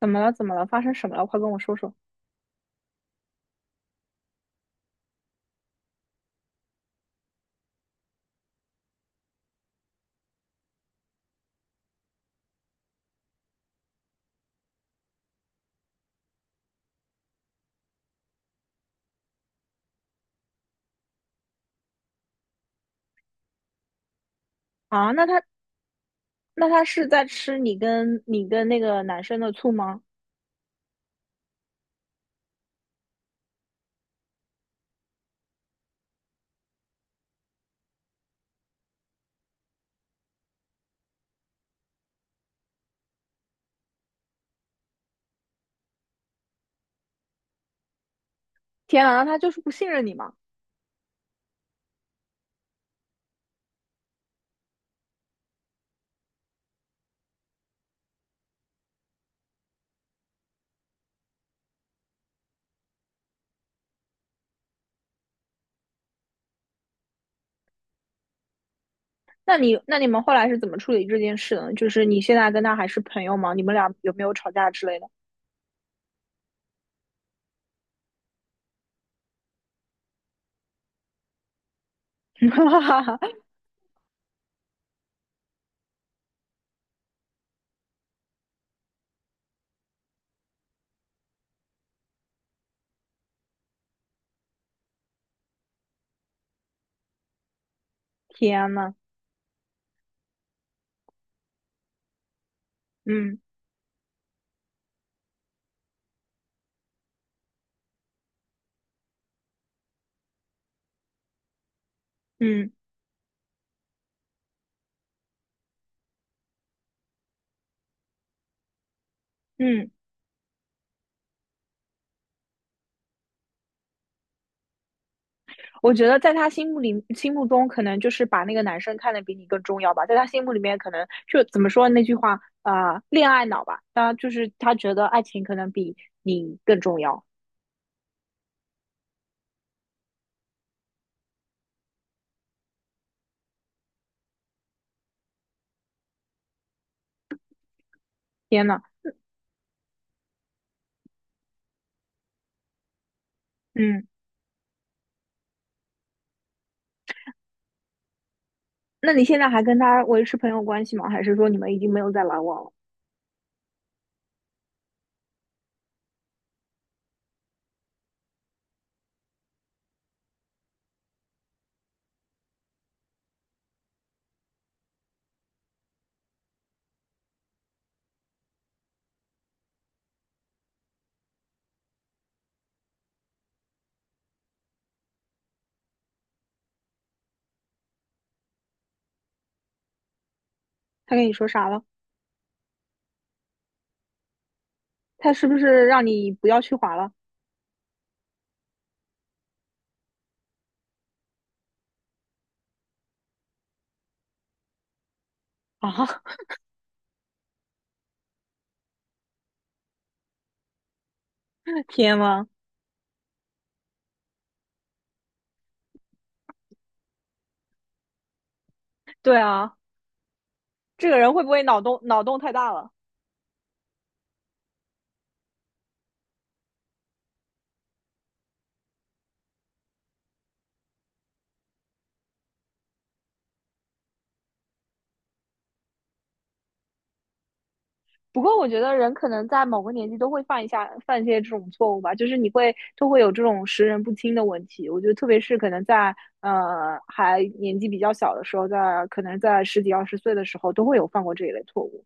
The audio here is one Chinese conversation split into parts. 怎么了？怎么了？发生什么了？快跟我说说啊！那他是在吃你跟你跟那个男生的醋吗？天啊，那他就是不信任你吗？那你们后来是怎么处理这件事的呢？就是你现在跟他还是朋友吗？你们俩有没有吵架之类的？天呐，嗯嗯嗯，我觉得在他心目中，可能就是把那个男生看得比你更重要吧。在他心目里面，可能就怎么说那句话啊、恋爱脑吧。他就是他觉得爱情可能比你更重要。天呐！嗯，那你现在还跟他维持朋友关系吗？还是说你们已经没有再来往了？他跟你说啥了？他是不是让你不要去滑了？啊，天呐，对啊，这个人会不会脑洞太大了？不过我觉得人可能在某个年纪都会犯一些这种错误吧，就是你会都会有这种识人不清的问题。我觉得特别是可能在还年纪比较小的时候，可能在十几二十岁的时候，都会有犯过这一类错误。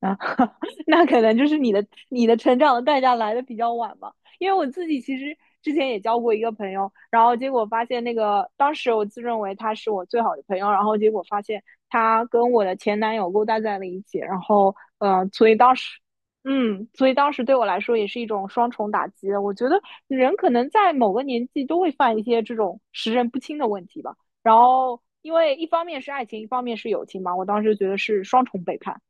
啊，那可能就是你的成长的代价来的比较晚吧。因为我自己其实之前也交过一个朋友，然后结果发现那个当时我自认为他是我最好的朋友，然后结果发现他跟我的前男友勾搭在了一起，然后所以当时。嗯，所以当时对我来说也是一种双重打击。我觉得人可能在某个年纪都会犯一些这种识人不清的问题吧。然后，因为一方面是爱情，一方面是友情嘛，我当时觉得是双重背叛。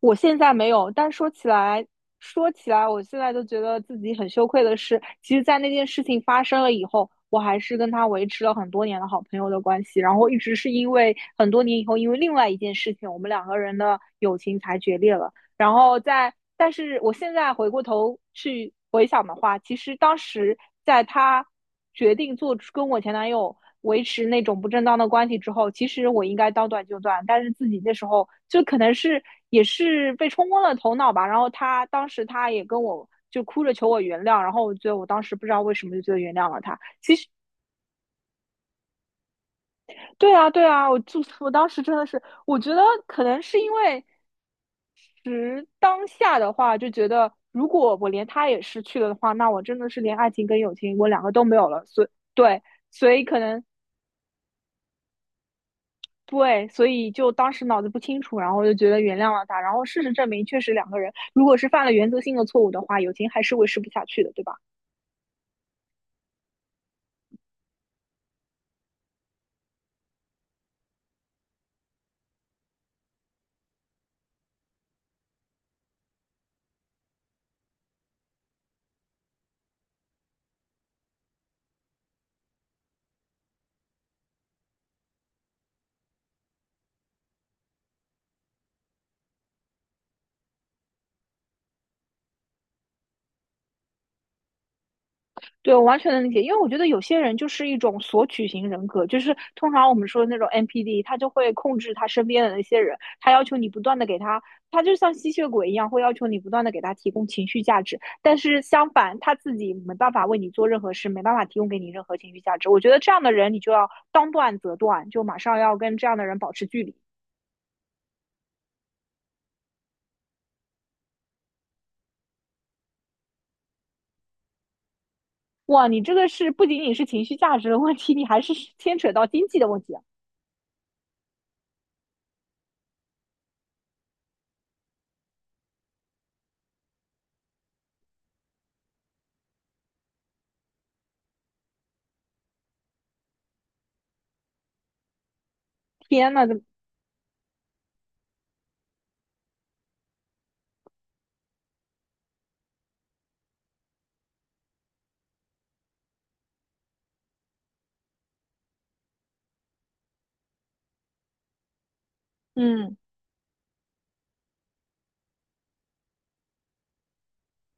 我现在没有，但说起来，说起来，我现在都觉得自己很羞愧的是，其实，在那件事情发生了以后，我还是跟他维持了很多年的好朋友的关系，然后一直是因为很多年以后，因为另外一件事情，我们两个人的友情才决裂了。然后在，但是我现在回过头去回想的话，其实当时在他决定做出跟我前男友维持那种不正当的关系之后，其实我应该当断就断，但是自己那时候就可能是也是被冲昏了头脑吧。然后他当时他也跟我就哭着求我原谅，然后我觉得我当时不知道为什么就觉得原谅了他。对啊，对啊，我当时真的是，我觉得可能是因为当下的话，就觉得如果我连他也失去了的话，那我真的是连爱情跟友情我两个都没有了。所以对，所以可能对，所以就当时脑子不清楚，然后就觉得原谅了他。然后事实证明，确实两个人如果是犯了原则性的错误的话，友情还是维持不下去的，对吧？对，我完全能理解，因为我觉得有些人就是一种索取型人格，就是通常我们说的那种 NPD,他就会控制他身边的那些人，他要求你不断的给他，他就像吸血鬼一样，会要求你不断的给他提供情绪价值，但是相反他自己没办法为你做任何事，没办法提供给你任何情绪价值。我觉得这样的人，你就要当断则断，就马上要跟这样的人保持距离。哇，你这个是不仅仅是情绪价值的问题，你还是牵扯到经济的问题啊！天呐，怎么，嗯，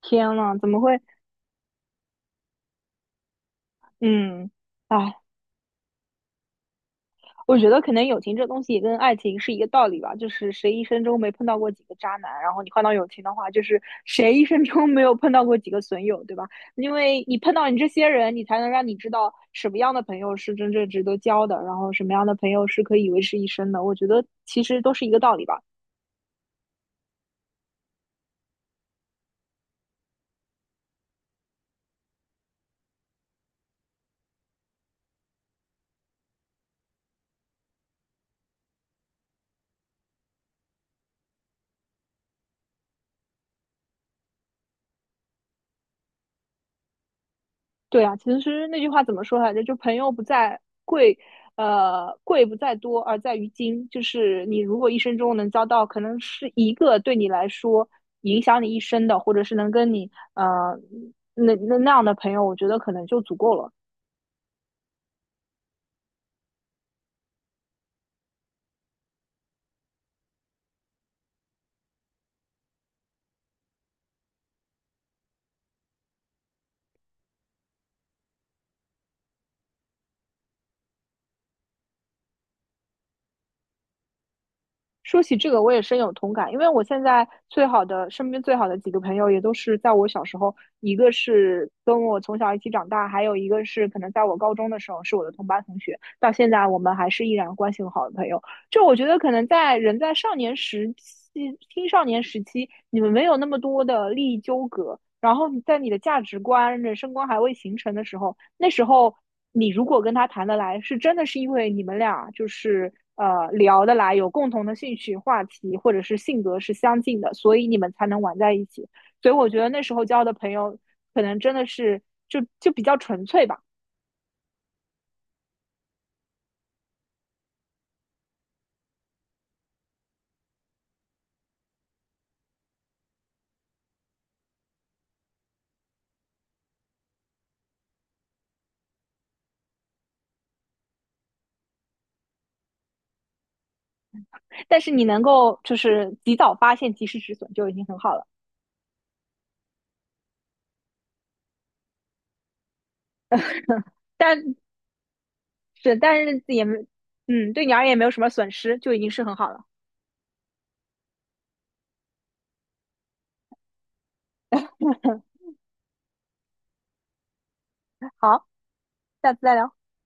天呐，怎么会？嗯，哎，我觉得可能友情这东西也跟爱情是一个道理吧，就是谁一生中没碰到过几个渣男，然后你换到友情的话，就是谁一生中没有碰到过几个损友，对吧？因为你碰到你这些人，你才能让你知道什么样的朋友是真正值得交的，然后什么样的朋友是可以维持一生的。我觉得其实都是一个道理吧。对啊，其实那句话怎么说来着？就朋友不在贵，贵不在多，而在于精。就是你如果一生中能交到，可能是一个对你来说影响你一生的，或者是能跟你那样的朋友，我觉得可能就足够了。说起这个，我也深有同感，因为我现在最好的身边最好的几个朋友，也都是在我小时候，一个是跟我从小一起长大，还有一个是可能在我高中的时候是我的同班同学，到现在我们还是依然关系很好的朋友。就我觉得，可能在人在少年时期、青少年时期，你们没有那么多的利益纠葛，然后你在你的价值观、人生观还未形成的时候，那时候你如果跟他谈得来，是真的是因为你们俩就是聊得来，有共同的兴趣话题，或者是性格是相近的，所以你们才能玩在一起。所以我觉得那时候交的朋友，可能真的是就比较纯粹吧。但是你能够就是及早发现、及时止损就已经很好了。但是但是也没嗯，对你而言也没有什么损失，就已经是很好了。好，下次再聊。